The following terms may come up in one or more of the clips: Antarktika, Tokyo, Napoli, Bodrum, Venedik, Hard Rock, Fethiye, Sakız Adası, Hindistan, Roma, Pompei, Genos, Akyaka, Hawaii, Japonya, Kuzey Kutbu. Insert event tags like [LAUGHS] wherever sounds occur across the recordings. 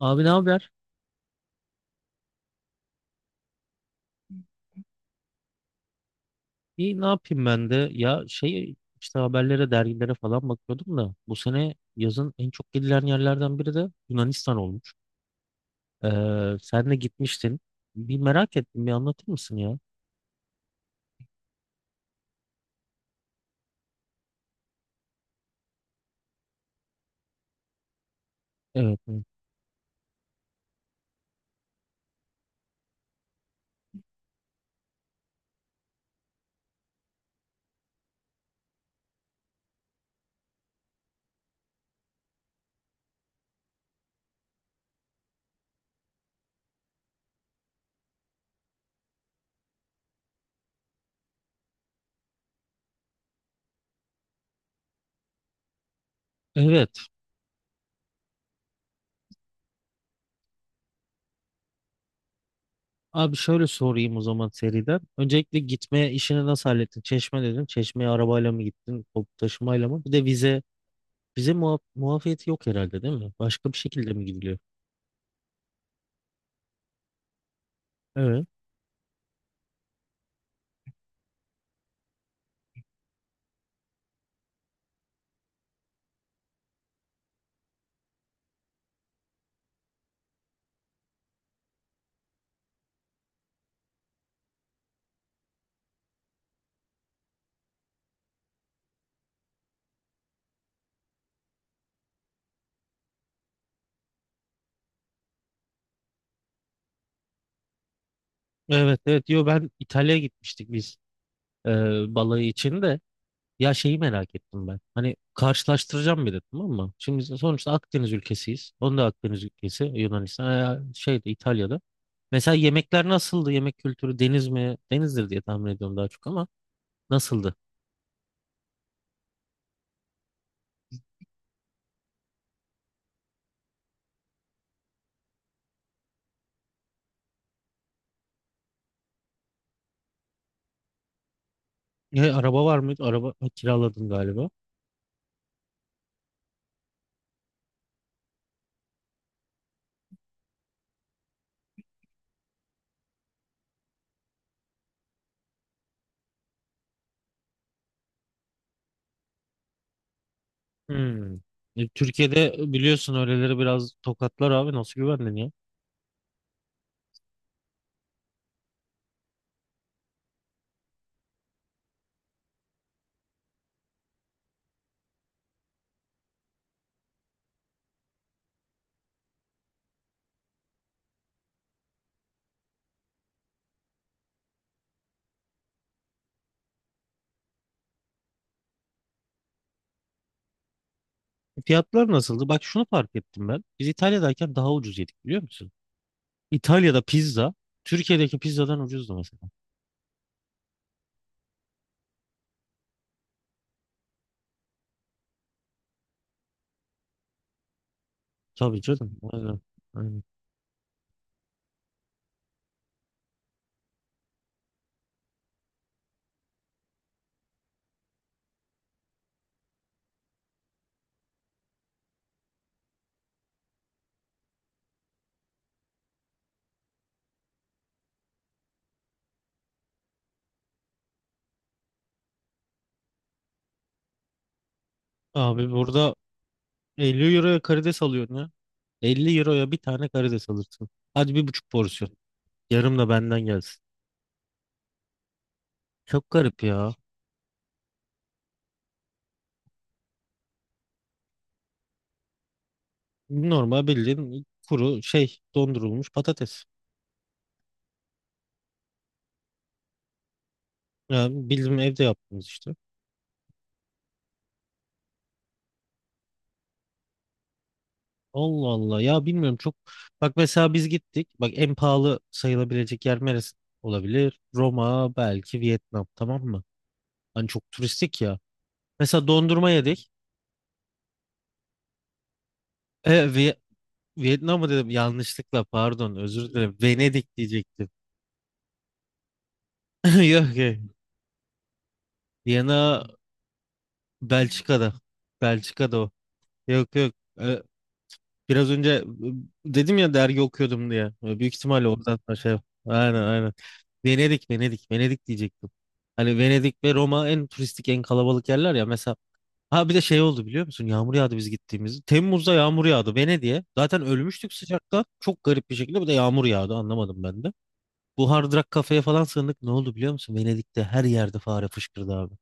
Abi ne haber? İyi ne yapayım ben de? Ya şey işte haberlere, dergilere falan bakıyordum da bu sene yazın en çok gidilen yerlerden biri de Yunanistan olmuş. Sen de gitmiştin. Bir merak ettim, bir anlatır mısın ya? Evet. Evet. Evet. Abi şöyle sorayım o zaman seriden. Öncelikle gitme işini nasıl hallettin? Çeşme dedin. Çeşmeye arabayla mı gittin? Toplu taşımayla mı? Bir de vize. Vize muafiyeti yok herhalde değil mi? Başka bir şekilde mi gidiliyor? Evet. Evet evet diyor ben İtalya'ya gitmiştik biz. e, Balığı için de ya şeyi merak ettim ben. Hani karşılaştıracağım bir de tamam mı? Şimdi sonuçta Akdeniz ülkesiyiz. Onun da Akdeniz ülkesi Yunanistan ya şeyde İtalya'da. Mesela yemekler nasıldı? Yemek kültürü deniz mi? Denizdir diye tahmin ediyorum daha çok ama nasıldı? E, araba var mıydı? Araba kiraladın galiba. Hmm. E, Türkiye'de biliyorsun öyleleri biraz tokatlar abi nasıl güvendin ya? E, fiyatlar nasıldı? Bak şunu fark ettim ben. Biz İtalya'dayken daha ucuz yedik biliyor musun? İtalya'da pizza Türkiye'deki pizzadan ucuzdu mesela. Tabii canım. Aynen. Aynen. Abi burada 50 euroya karides alıyorsun ya. 50 euroya bir tane karides alırsın. Hadi bir buçuk porsiyon. Yarım da benden gelsin. Çok garip ya. Normal bildiğin kuru şey dondurulmuş patates. Yani bildiğim evde yaptığımız işte. Allah Allah ya bilmiyorum çok. Bak mesela biz gittik. Bak en pahalı sayılabilecek yer neresi olabilir? Roma belki Vietnam tamam mı? Hani çok turistik ya. Mesela dondurma yedik. E, Vi- Vietnam mı dedim yanlışlıkla pardon özür dilerim. Venedik diyecektim. [LAUGHS] Yok yok. Viyana Belçika'da. Belçika'da o. Yok yok. E, Biraz önce dedim ya dergi okuyordum diye. E, büyük ihtimalle oradan şey. Aynen aynen. Venedik, Venedik, Venedik diyecektim. Hani Venedik ve Roma en turistik, en kalabalık yerler ya. Mesela ha bir de şey oldu biliyor musun? Yağmur yağdı biz gittiğimiz. Temmuz'da yağmur yağdı Venedik'e. Zaten ölmüştük sıcakta. Çok garip bir şekilde bir de yağmur yağdı anlamadım ben de. Bu Hard Rock kafeye falan sığındık. Ne oldu biliyor musun? Venedik'te her yerde fare fışkırdı abi.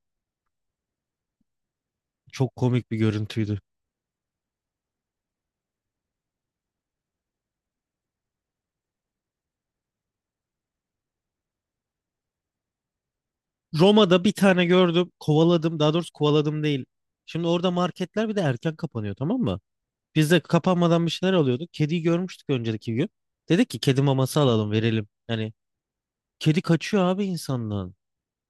Çok komik bir görüntüydü. Roma'da bir tane gördüm. Kovaladım. Daha doğrusu kovaladım değil. Şimdi orada marketler bir de erken kapanıyor tamam mı? Biz de kapanmadan bir şeyler alıyorduk. Kediyi görmüştük önceki gün. Dedik ki kedi maması alalım verelim. Yani kedi kaçıyor abi insandan.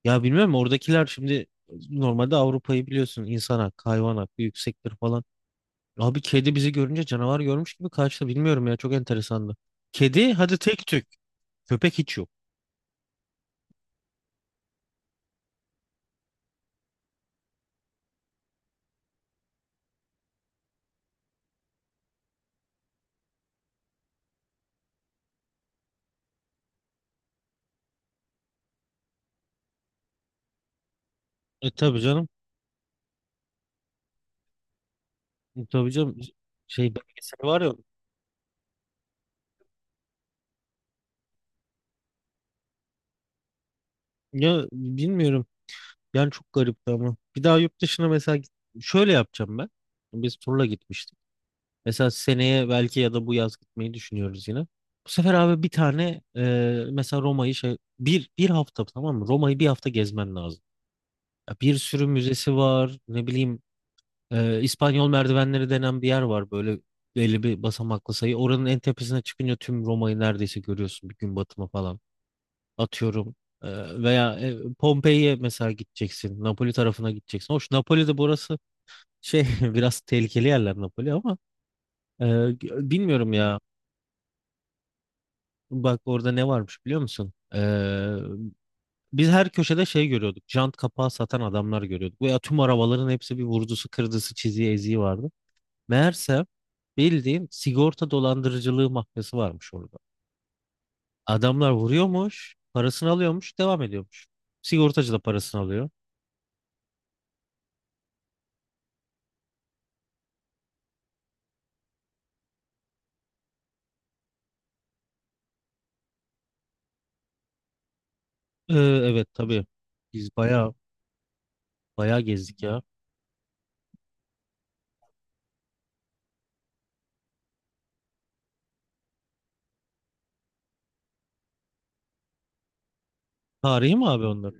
Ya bilmiyorum oradakiler şimdi normalde Avrupa'yı biliyorsun insan hakkı, hayvan hakkı yüksektir falan. Abi kedi bizi görünce canavar görmüş gibi kaçtı. Bilmiyorum ya çok enteresandı. Kedi hadi tek tük. Köpek hiç yok. E tabii canım. E, tabii canım. Şey belgeseli var ya. Ya bilmiyorum. Yani çok garipti ama. Bir daha yurt dışına mesela git- Şöyle yapacağım ben. Biz turla gitmiştik. Mesela seneye belki ya da bu yaz gitmeyi düşünüyoruz yine. Bu sefer abi bir tane mesela Roma'yı şey bir hafta tamam mı? Roma'yı bir hafta gezmen lazım. Ya bir sürü müzesi var. Ne bileyim İspanyol merdivenleri denen bir yer var böyle belli bir basamaklı sayı. Oranın en tepesine çıkınca tüm Roma'yı neredeyse görüyorsun bir gün batımı falan atıyorum. Veya Pompei'ye mesela gideceksin. Napoli tarafına gideceksin. Hoş Napoli'de burası şey [LAUGHS] biraz tehlikeli yerler Napoli ama e, bilmiyorum ya. Bak orada ne varmış biliyor musun? Biz her köşede şey görüyorduk. Jant kapağı satan adamlar görüyorduk. Veya tüm arabaların hepsi bir vurdusu, kırdısı, çiziği, eziği vardı. Meğerse bildiğin sigorta dolandırıcılığı mafyası varmış orada. Adamlar vuruyormuş, parasını alıyormuş, devam ediyormuş. Sigortacı da parasını alıyor. Evet tabii. Biz bayağı bayağı gezdik ya. Tarihi mi abi onlar?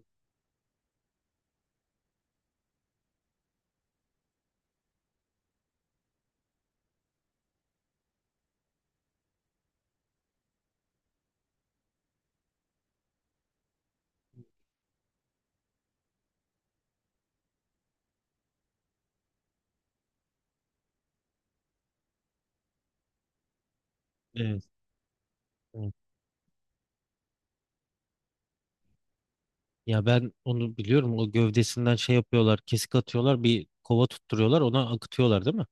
Evet, evet. Ya ben onu biliyorum. O gövdesinden şey yapıyorlar. Kesik atıyorlar. Bir kova tutturuyorlar. Ona akıtıyorlar değil mi?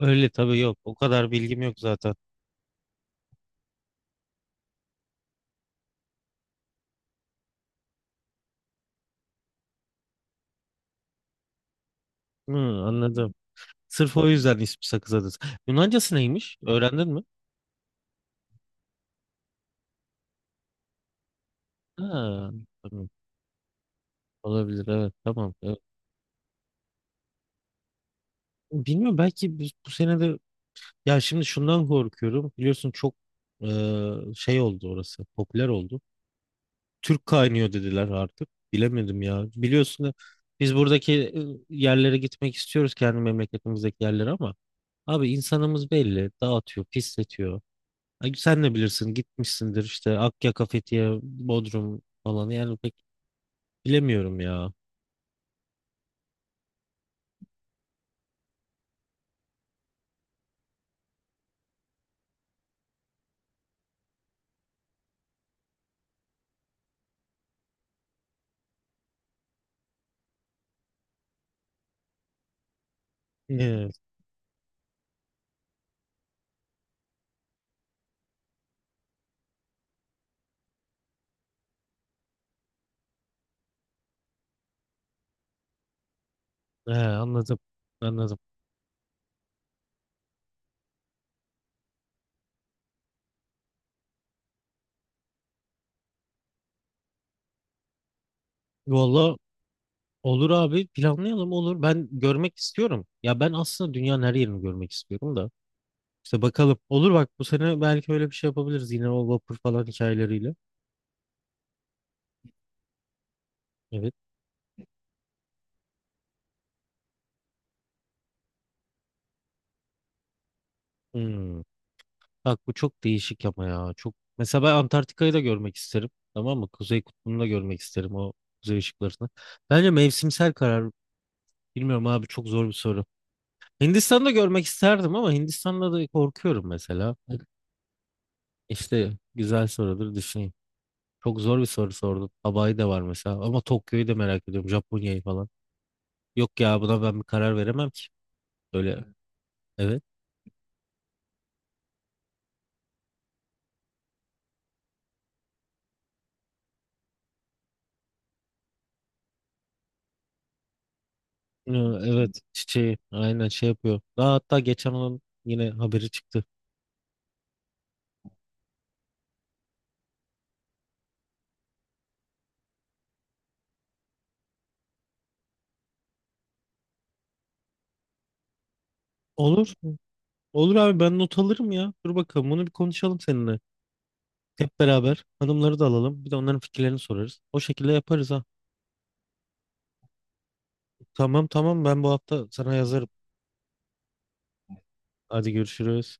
Öyle tabii yok. O kadar bilgim yok zaten. Hı, anladım. Sırf o yüzden ismi Sakız Adası. Yunancası neymiş? Öğrendin mi? Ha, tamam. Olabilir evet tamam. Evet. Bilmiyorum belki biz bu sene de ya şimdi şundan korkuyorum. Biliyorsun çok e, şey oldu orası. Popüler oldu. Türk kaynıyor dediler artık. Bilemedim ya. Biliyorsun da biz buradaki yerlere gitmek istiyoruz kendi memleketimizdeki yerlere ama abi insanımız belli. Dağıtıyor, pisletiyor. Ay, sen de bilirsin gitmişsindir işte Akyaka, Fethiye, Bodrum falan yani pek bilemiyorum ya. Evet, he, anladım. Anladım. Valla olur abi planlayalım olur. Ben görmek istiyorum. Ya ben aslında dünyanın her yerini görmek istiyorum da. İşte bakalım. Olur bak bu sene belki öyle bir şey yapabiliriz. Yine o vapur falan hikayeleriyle. Evet. Hmm. Bak bu çok değişik ama ya. Çok... Mesela ben Antarktika'yı da görmek isterim. Tamam mı? Kuzey Kutbu'nu da görmek isterim o kuzey ışıklarını. Bence mevsimsel karar. Bilmiyorum abi çok zor bir soru. Hindistan'da görmek isterdim ama Hindistan'da da korkuyorum mesela. İşte güzel sorudur düşüneyim. Çok zor bir soru sordun. Hawaii'de var mesela. Ama Tokyo'yu da merak ediyorum. Japonya'yı falan. Yok ya buna ben bir karar veremem ki. Öyle. Evet. Ee, Evet. Çiçeği. Aynen şey yapıyor. Daha hatta geçen onun yine haberi çıktı. Olur. Olur abi ben not alırım ya. Dur bakalım bunu bir konuşalım seninle. Hep beraber hanımları da alalım. Bir de onların fikirlerini sorarız. O şekilde yaparız ha. Tamam tamam ben bu hafta sana yazarım. Hadi görüşürüz.